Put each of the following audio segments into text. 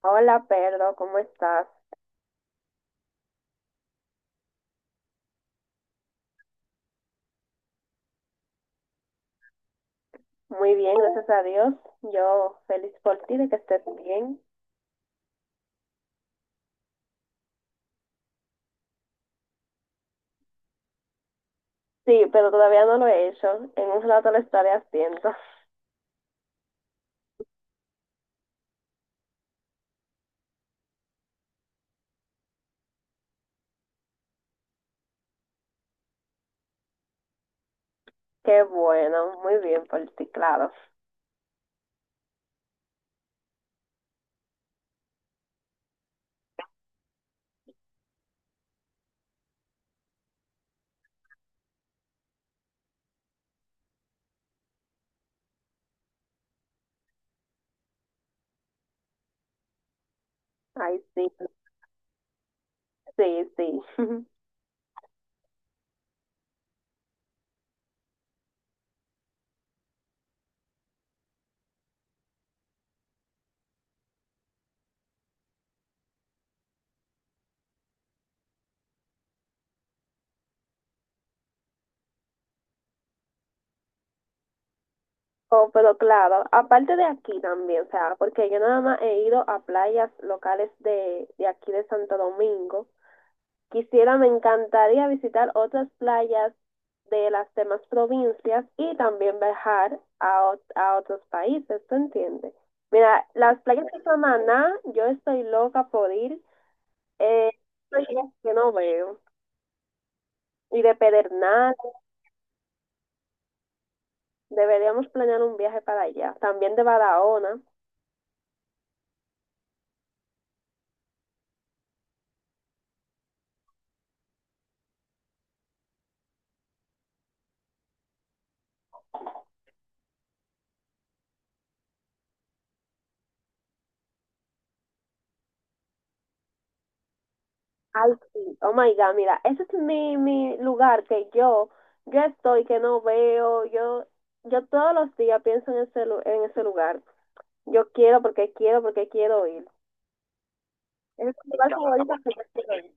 Hola, Pedro, ¿cómo estás? Muy bien, gracias a Dios. Yo feliz por ti de que estés bien. Sí, pero todavía no lo he hecho. En un rato lo estaré haciendo. Qué bueno, muy bien por ti, claro. Ay, sí, sí, sí. Oh, pero claro, aparte de aquí también, o sea, porque yo nada más he ido a playas locales de aquí de Santo Domingo. Quisiera, me encantaría visitar otras playas de las demás provincias y también viajar a, a otros países, ¿tú entiendes? Mira, las playas de Samaná, yo estoy loca por ir, eh, playas que no veo, y de Pedernal, deberíamos planear un viaje para allá, también de Barahona. Ay, sí, oh my God, mira, ese es mi lugar que yo estoy, que no veo, yo todos los días pienso en ese, en ese lugar. Yo quiero porque quiero porque quiero ir. Es mi lugar favorito porque quiero ir.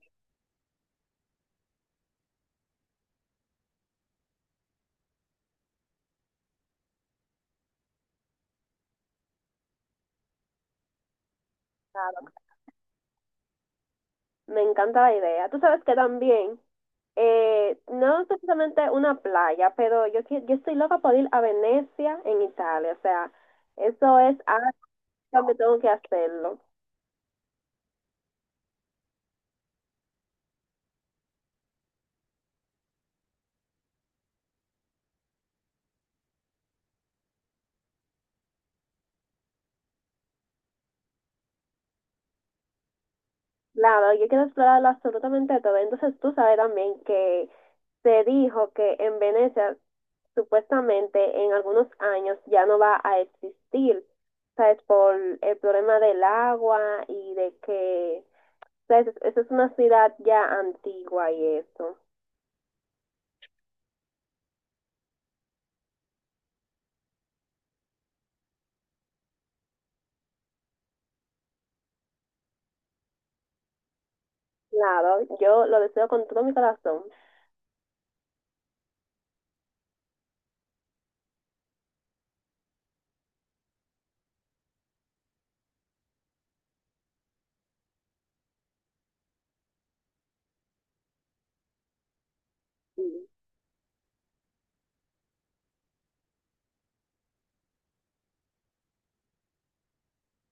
Claro. Me encanta la idea. Tú sabes que también, no es precisamente una playa, pero yo, yo estoy loca por ir a Venecia en Italia. O sea, eso es algo que tengo que hacerlo. Claro, yo quiero explorarlo absolutamente todo. Entonces tú sabes también que se dijo que en Venecia supuestamente en algunos años ya no va a existir, ¿sabes? Por el problema del agua y de que, ¿sabes? Esa es una ciudad ya antigua y eso. Claro, yo lo deseo con todo mi corazón. Sí.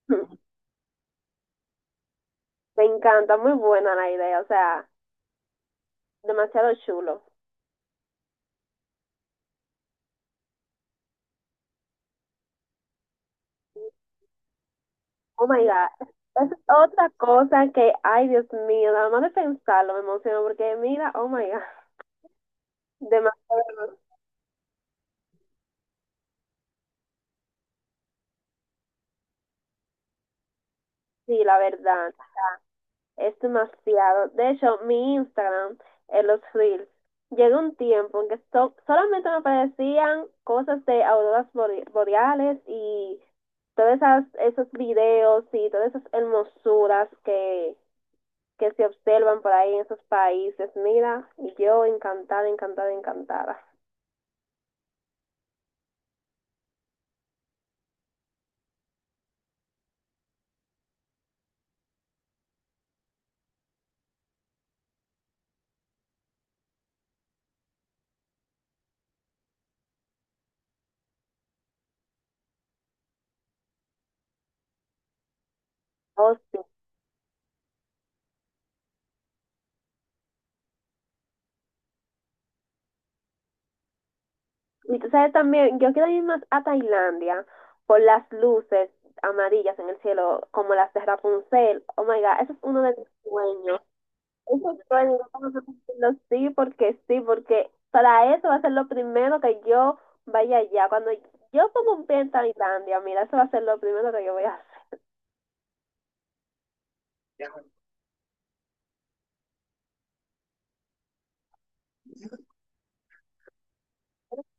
Me encanta, muy buena la idea, o sea, demasiado chulo. Oh my God. Es otra cosa que, ay Dios mío, nada más de pensarlo me emociono porque mira, oh my God, demasiado, sí, la verdad. Es demasiado. De hecho, mi Instagram en los Reels llegó un tiempo en que solamente me aparecían cosas de auroras boreales y todos esos videos y todas esas hermosuras que se observan por ahí en esos países. Mira, y yo encantada, encantada, encantada. Oh, sí. Y tú sabes también, yo quiero ir más a Tailandia por las luces amarillas en el cielo, como las de Rapunzel. Oh my God, ese es uno de mis sueños. Eso fue, vamos a sí, porque para eso va a ser lo primero que yo vaya allá. Cuando yo pongo un pie en Tailandia, mira, eso va a ser lo primero que yo voy a hacer.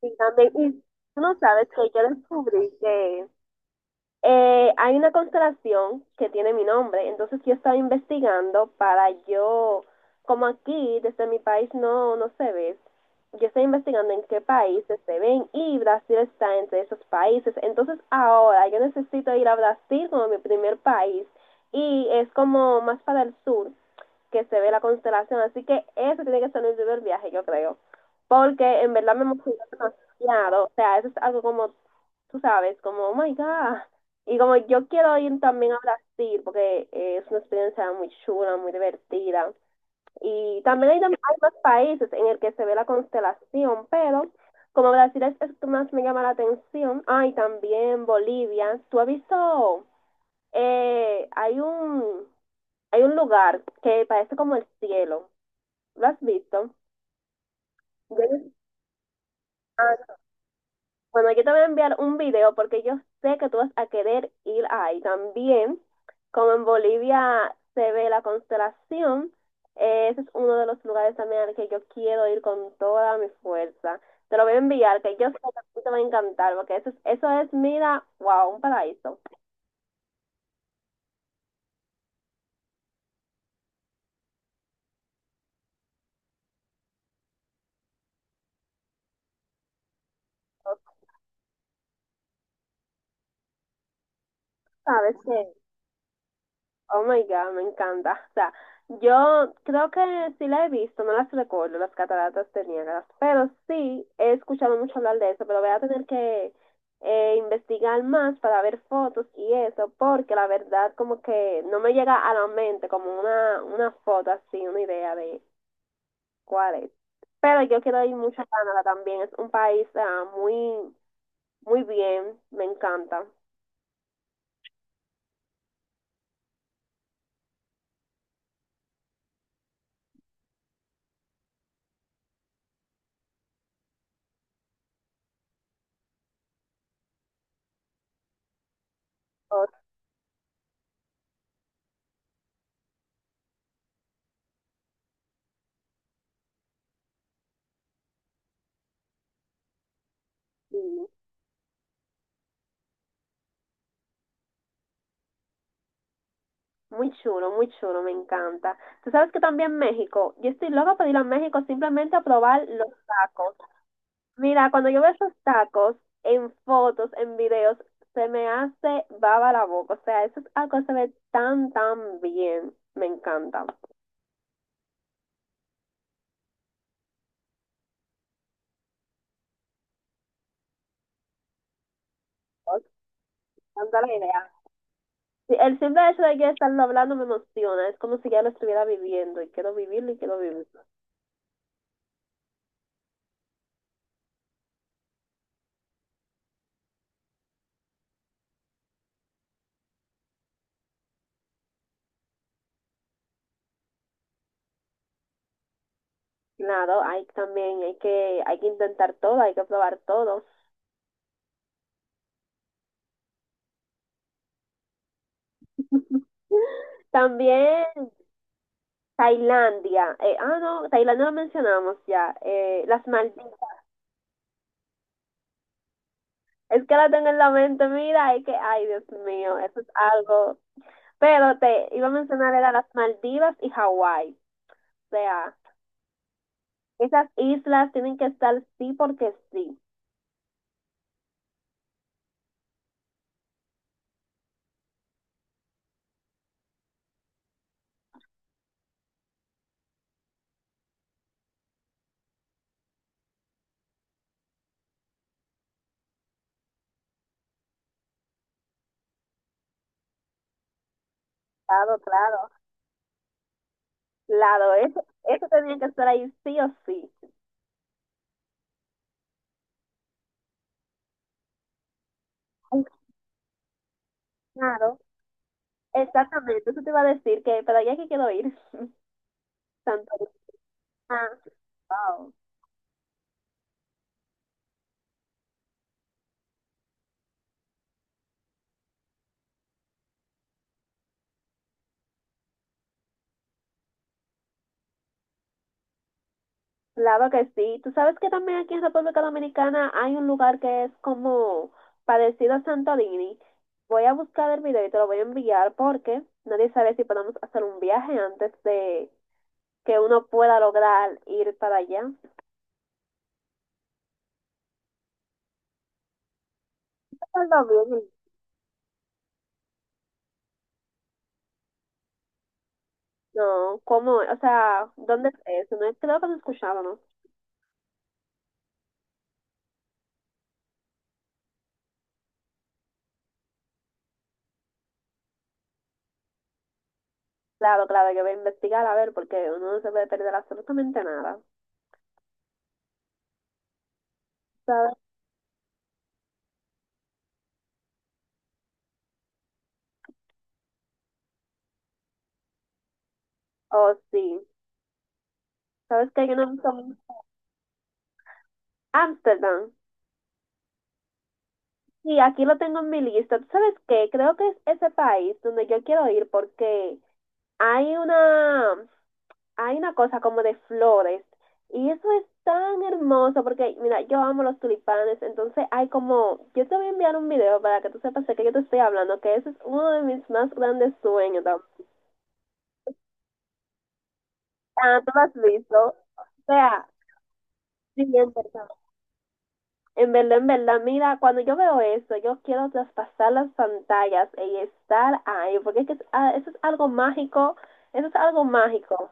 Y también, y tú no sabes que yo descubrí que hay una constelación que tiene mi nombre, entonces yo estaba investigando para yo, como aquí desde mi país no se ve, yo estoy investigando en qué países se ven y Brasil está entre esos países, entonces ahora yo necesito ir a Brasil como mi primer país y es como más para el sur que se ve la constelación. Así que eso tiene que ser el primer viaje, yo creo. Porque en verdad me emocionó demasiado. O sea, eso es algo como, tú sabes, como, oh my God. Y como yo quiero ir también a Brasil, porque es una experiencia muy chula, muy divertida. Y también hay, hay más países en el que se ve la constelación, pero como Brasil es el que más me llama la atención. Ay también Bolivia. ¿Tú has visto? Hay un hay un lugar que parece como el cielo. ¿Lo has visto? Yo- ah, bueno, yo te voy a enviar un video porque yo sé que tú vas a querer ir ahí. También, como en Bolivia se ve la constelación, ese es uno de los lugares también al que yo quiero ir con toda mi fuerza. Te lo voy a enviar, que yo sé que a ti te va a encantar, porque eso es, mira, wow, un paraíso. Sabes que oh my God, me encanta. O sea, yo creo que sí la he visto, no las recuerdo, las cataratas de Niágara, pero sí he escuchado mucho hablar de eso, pero voy a tener que investigar más para ver fotos y eso, porque la verdad como que no me llega a la mente como una foto así, una idea de cuál es. Pero yo quiero ir mucho a Canadá también, es un país ah, muy, muy bien, me encanta. Oh, sí. Muy chulo, me encanta. Tú sabes que también México, yo estoy loca por ir a México simplemente a probar los tacos. Mira, cuando yo veo esos tacos en fotos, en videos, se me hace baba la boca. O sea, eso es algo que se ve tan, tan bien. Me encanta. Me encanta la idea. Sí, el simple hecho de que estarlo hablando me emociona. Es como si ya lo estuviera viviendo y quiero vivirlo y quiero vivirlo. Claro, hay también, hay que intentar todo, hay que probar todo. También Tailandia. No, Tailandia lo mencionamos ya. Las Maldivas. Es que la tengo en la mente, mira, es que, ay, Dios mío, eso es algo. Pero te iba a mencionar, era las Maldivas y Hawái. O sea, esas islas tienen que estar sí porque sí. Claro, claro. Claro, eso tenía que estar ahí sí o sí. Ay, claro, exactamente. Eso te iba a decir que, pero ya que quiero ir. Santorini. Ah, wow. Claro que sí. Tú sabes que también aquí en República Dominicana hay un lugar que es como parecido a Santorini. Voy a buscar el video y te lo voy a enviar porque nadie sabe si podemos hacer un viaje antes de que uno pueda lograr ir para allá. Pasarlo bien. No, ¿cómo? O sea, ¿dónde es eso? No, creo que no escuchábamos. Claro, claro, yo voy a investigar a ver porque uno no se puede perder absolutamente nada. ¿Sabes? Oh, sí. ¿Sabes que yo no he visto Ámsterdam? Sí, aquí lo tengo en mi lista. ¿Tú sabes qué? Creo que es ese país donde yo quiero ir porque hay una, hay una cosa como de flores y eso es tan hermoso porque, mira, yo amo los tulipanes, entonces hay como, yo te voy a enviar un video para que tú sepas de qué yo te estoy hablando, que ese es uno de mis más grandes sueños. ¿No? Ah, tú lo has visto. O sea, siguiente. En verdad, mira, cuando yo veo eso, yo quiero traspasar las pantallas y estar ahí, porque es que ah, eso es algo mágico, eso es algo mágico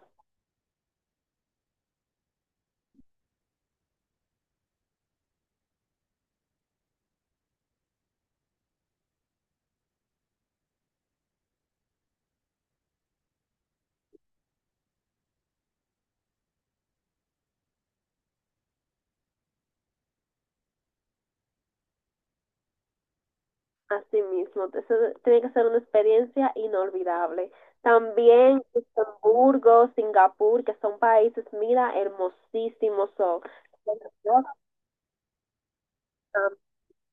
así mismo, eso tiene que ser una experiencia inolvidable. También Luxemburgo, Singapur, que son países, mira, hermosísimos son.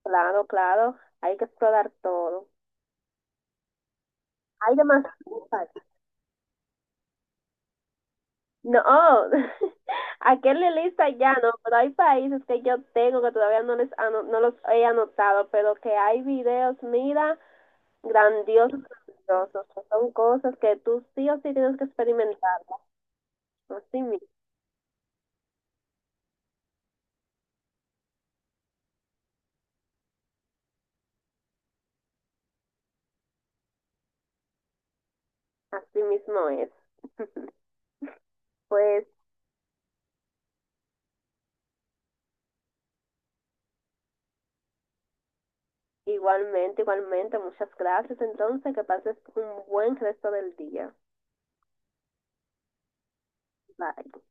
Claro, claro, hay que explorar todo. Hay demasiado. No, aquel en la lista ya no, pero hay países que yo tengo que todavía no les no los he anotado, pero que hay videos, mira, grandiosos, grandiosos, que son cosas que tú sí o sí tienes que experimentar, así mismo, así mismo es. Pues igualmente, igualmente, muchas gracias entonces, que pases un buen resto del día. Bye.